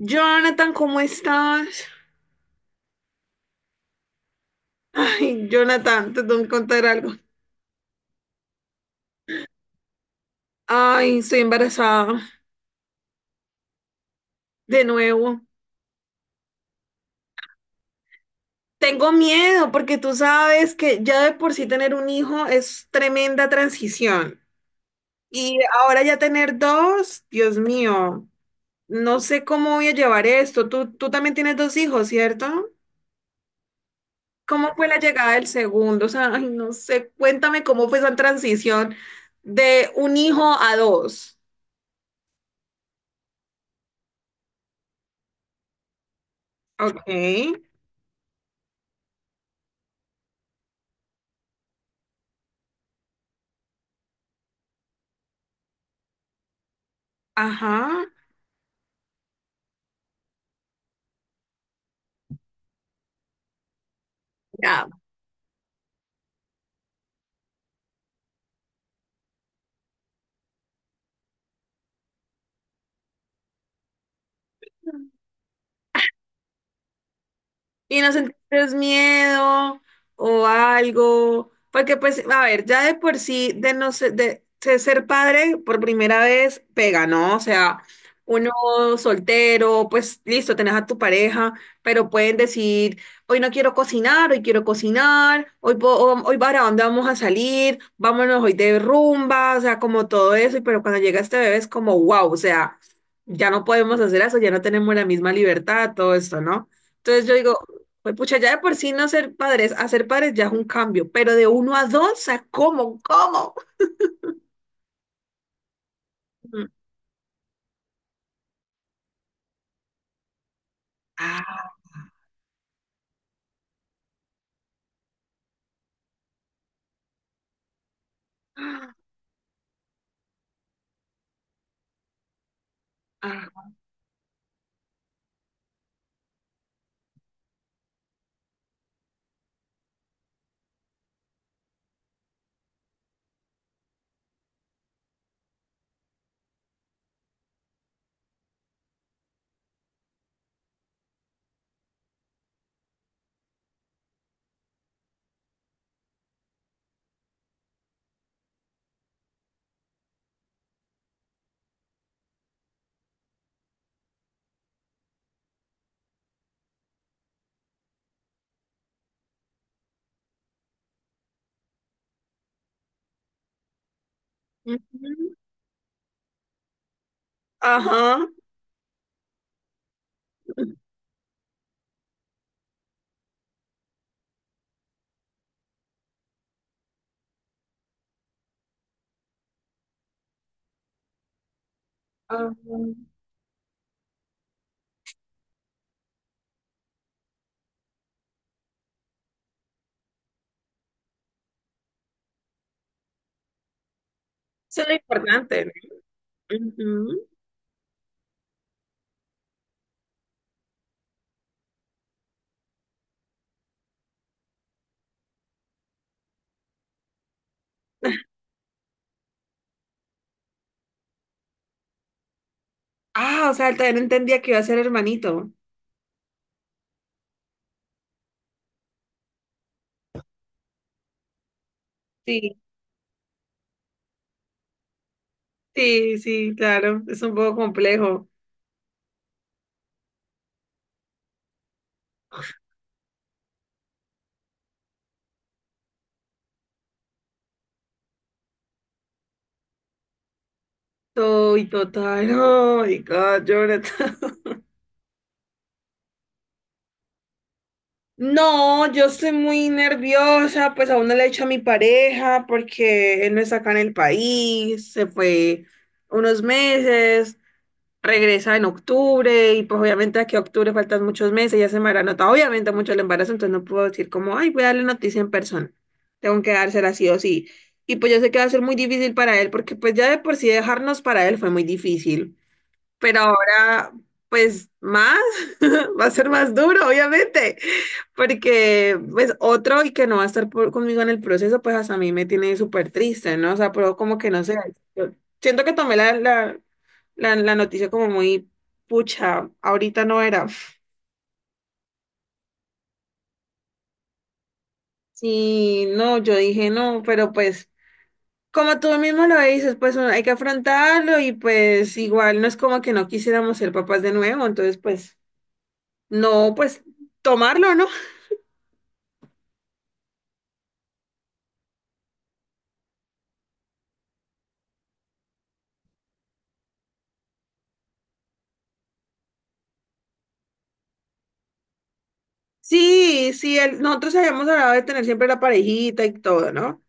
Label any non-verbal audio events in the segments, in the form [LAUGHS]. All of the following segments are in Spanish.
Jonathan, ¿cómo estás? Ay, Jonathan, te tengo que contar algo. Ay, estoy embarazada de nuevo. Tengo miedo porque tú sabes que ya de por sí tener un hijo es tremenda transición. Y ahora ya tener dos, Dios mío, no sé cómo voy a llevar esto. Tú también tienes dos hijos, ¿cierto? ¿Cómo fue la llegada del segundo? O sea, ay, no sé, cuéntame cómo fue esa transición de un hijo a dos. Ok. Ajá. Ya, y no sentiste miedo o algo, porque pues, a ver, ya de por sí, de no ser, de ser padre por primera vez, pega, ¿no? O sea, uno soltero, pues listo, tenés a tu pareja, pero pueden decir, hoy no quiero cocinar, hoy quiero cocinar, hoy para dónde vamos a salir, vámonos hoy de rumba, o sea, como todo eso, y pero cuando llega este bebé es como, wow, o sea, ya no podemos hacer eso, ya no tenemos la misma libertad, todo esto, ¿no? Entonces yo digo, pues pucha, ya de por sí no ser padres, hacer padres ya es un cambio, pero de uno a dos, o sea, ¿cómo? ¿Cómo? Mm. Ah, ah, ujú, ajá. Ah. Eso es lo importante, ¿no? Ujú. Ah, o sea, él también entendía que iba a ser hermanito. Sí. Sí, sí, claro, es un poco complejo. Soy total. Oh my God, Jonathan. [LAUGHS] No, yo estoy muy nerviosa, pues aún no le he dicho a mi pareja porque él no está acá en el país, se fue unos meses, regresa en octubre y pues obviamente aquí a octubre faltan muchos meses, ya se me habrá notado obviamente mucho el embarazo, entonces no puedo decir como, ay, voy a darle noticia en persona, tengo que dársela sí o sí. Y pues yo sé que va a ser muy difícil para él porque pues ya de por sí dejarnos para él fue muy difícil, pero ahora, pues más, [LAUGHS] va a ser más duro, obviamente, porque pues otro y que no va a estar conmigo en el proceso, pues hasta a mí me tiene súper triste, ¿no? O sea, pero como que no sé, yo siento que tomé la noticia como muy pucha, ahorita no era. Sí, no, yo dije no, pero pues como tú mismo lo dices, pues hay que afrontarlo y pues igual no es como que no quisiéramos ser papás de nuevo, entonces pues no, pues tomarlo, ¿no? Sí, sí, nosotros habíamos hablado de tener siempre la parejita y todo, ¿no?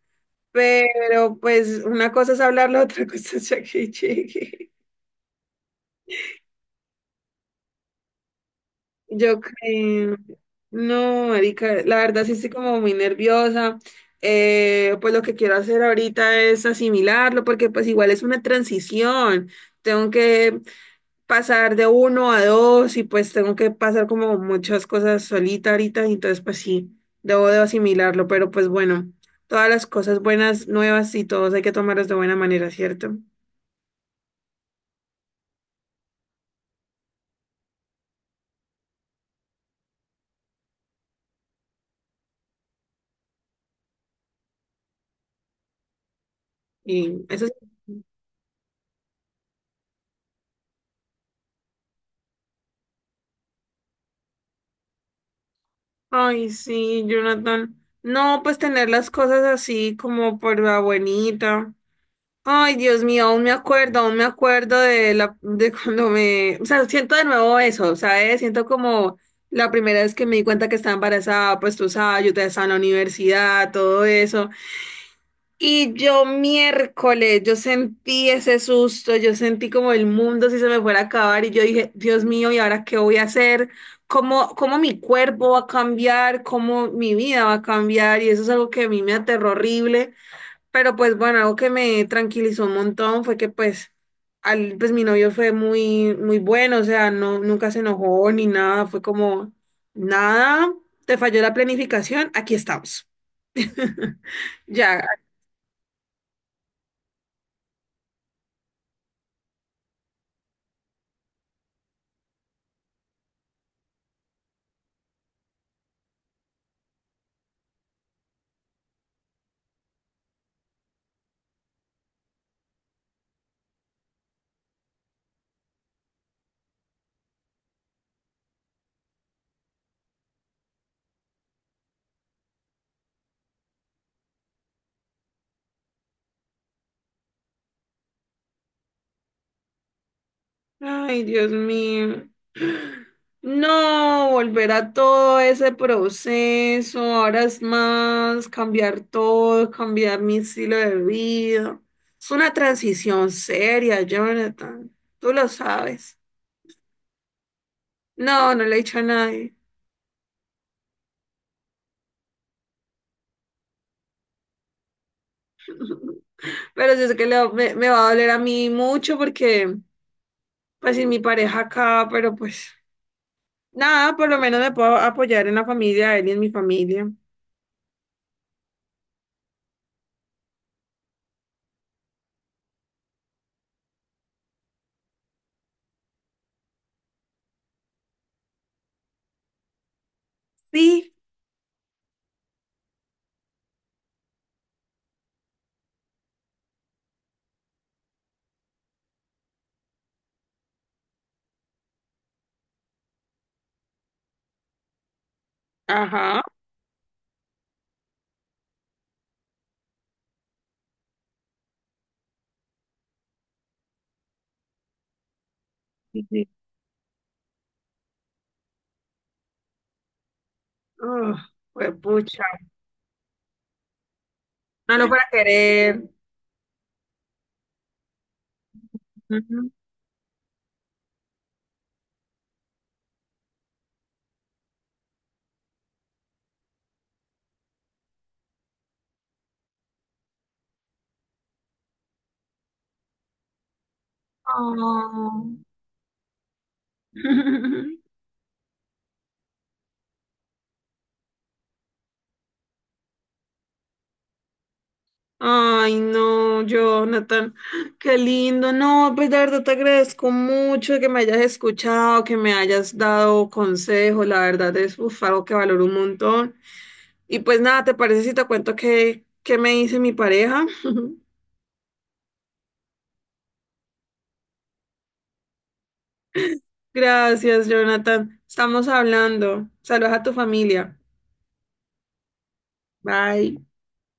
Pero pues una cosa es hablarlo, otra [LAUGHS] cosa es ya que llegue. Yo creo, no, Erika, la verdad sí estoy como muy nerviosa. Pues lo que quiero hacer ahorita es asimilarlo, porque pues igual es una transición. Tengo que pasar de uno a dos y pues tengo que pasar como muchas cosas solita ahorita, y entonces pues sí, debo de asimilarlo, pero pues bueno, todas las cosas buenas, nuevas y todos hay que tomarlas de buena manera, ¿cierto? Y eso es... Ay, sí, Jonathan. No, pues tener las cosas así como por la buenita. Ay, Dios mío, aún me acuerdo de la de cuando me, o sea, siento de nuevo eso, ¿sabes? Siento como la primera vez que me di cuenta que estaba embarazada, pues tú sabes, yo todavía estaba en la universidad, todo eso. Y yo miércoles, yo sentí ese susto, yo sentí como el mundo si se me fuera a acabar y yo dije, Dios mío, ¿y ahora qué voy a hacer? ¿Cómo, cómo mi cuerpo va a cambiar? ¿Cómo mi vida va a cambiar? Y eso es algo que a mí me aterró horrible. Pero pues bueno, algo que me tranquilizó un montón fue que pues, al, pues mi novio fue muy, muy bueno, o sea, no, nunca se enojó ni nada, fue como, nada, te falló la planificación, aquí estamos. [LAUGHS] Ya, ay, Dios mío. No, volver a todo ese proceso, ahora es más cambiar todo, cambiar mi estilo de vida. Es una transición seria, Jonathan, tú lo sabes. No, no le he dicho a nadie. Pero yo sé que me va a doler a mí mucho porque, pues, sin mi pareja acá, pero pues, nada, por lo menos me puedo apoyar en la familia de él y en mi familia. Sí, ajá. Sí, sí. Ugh, fue pucha. No lo para querer. Ujú. Oh. [LAUGHS] Ay, no, Jonathan, qué lindo. No, pues de verdad te agradezco mucho que me hayas escuchado, que me hayas dado consejos. La verdad es uf, algo que valoro un montón. Y pues nada, ¿te parece si te cuento qué me dice mi pareja? [LAUGHS] Gracias, Jonathan. Estamos hablando. Saludos a tu familia. Bye.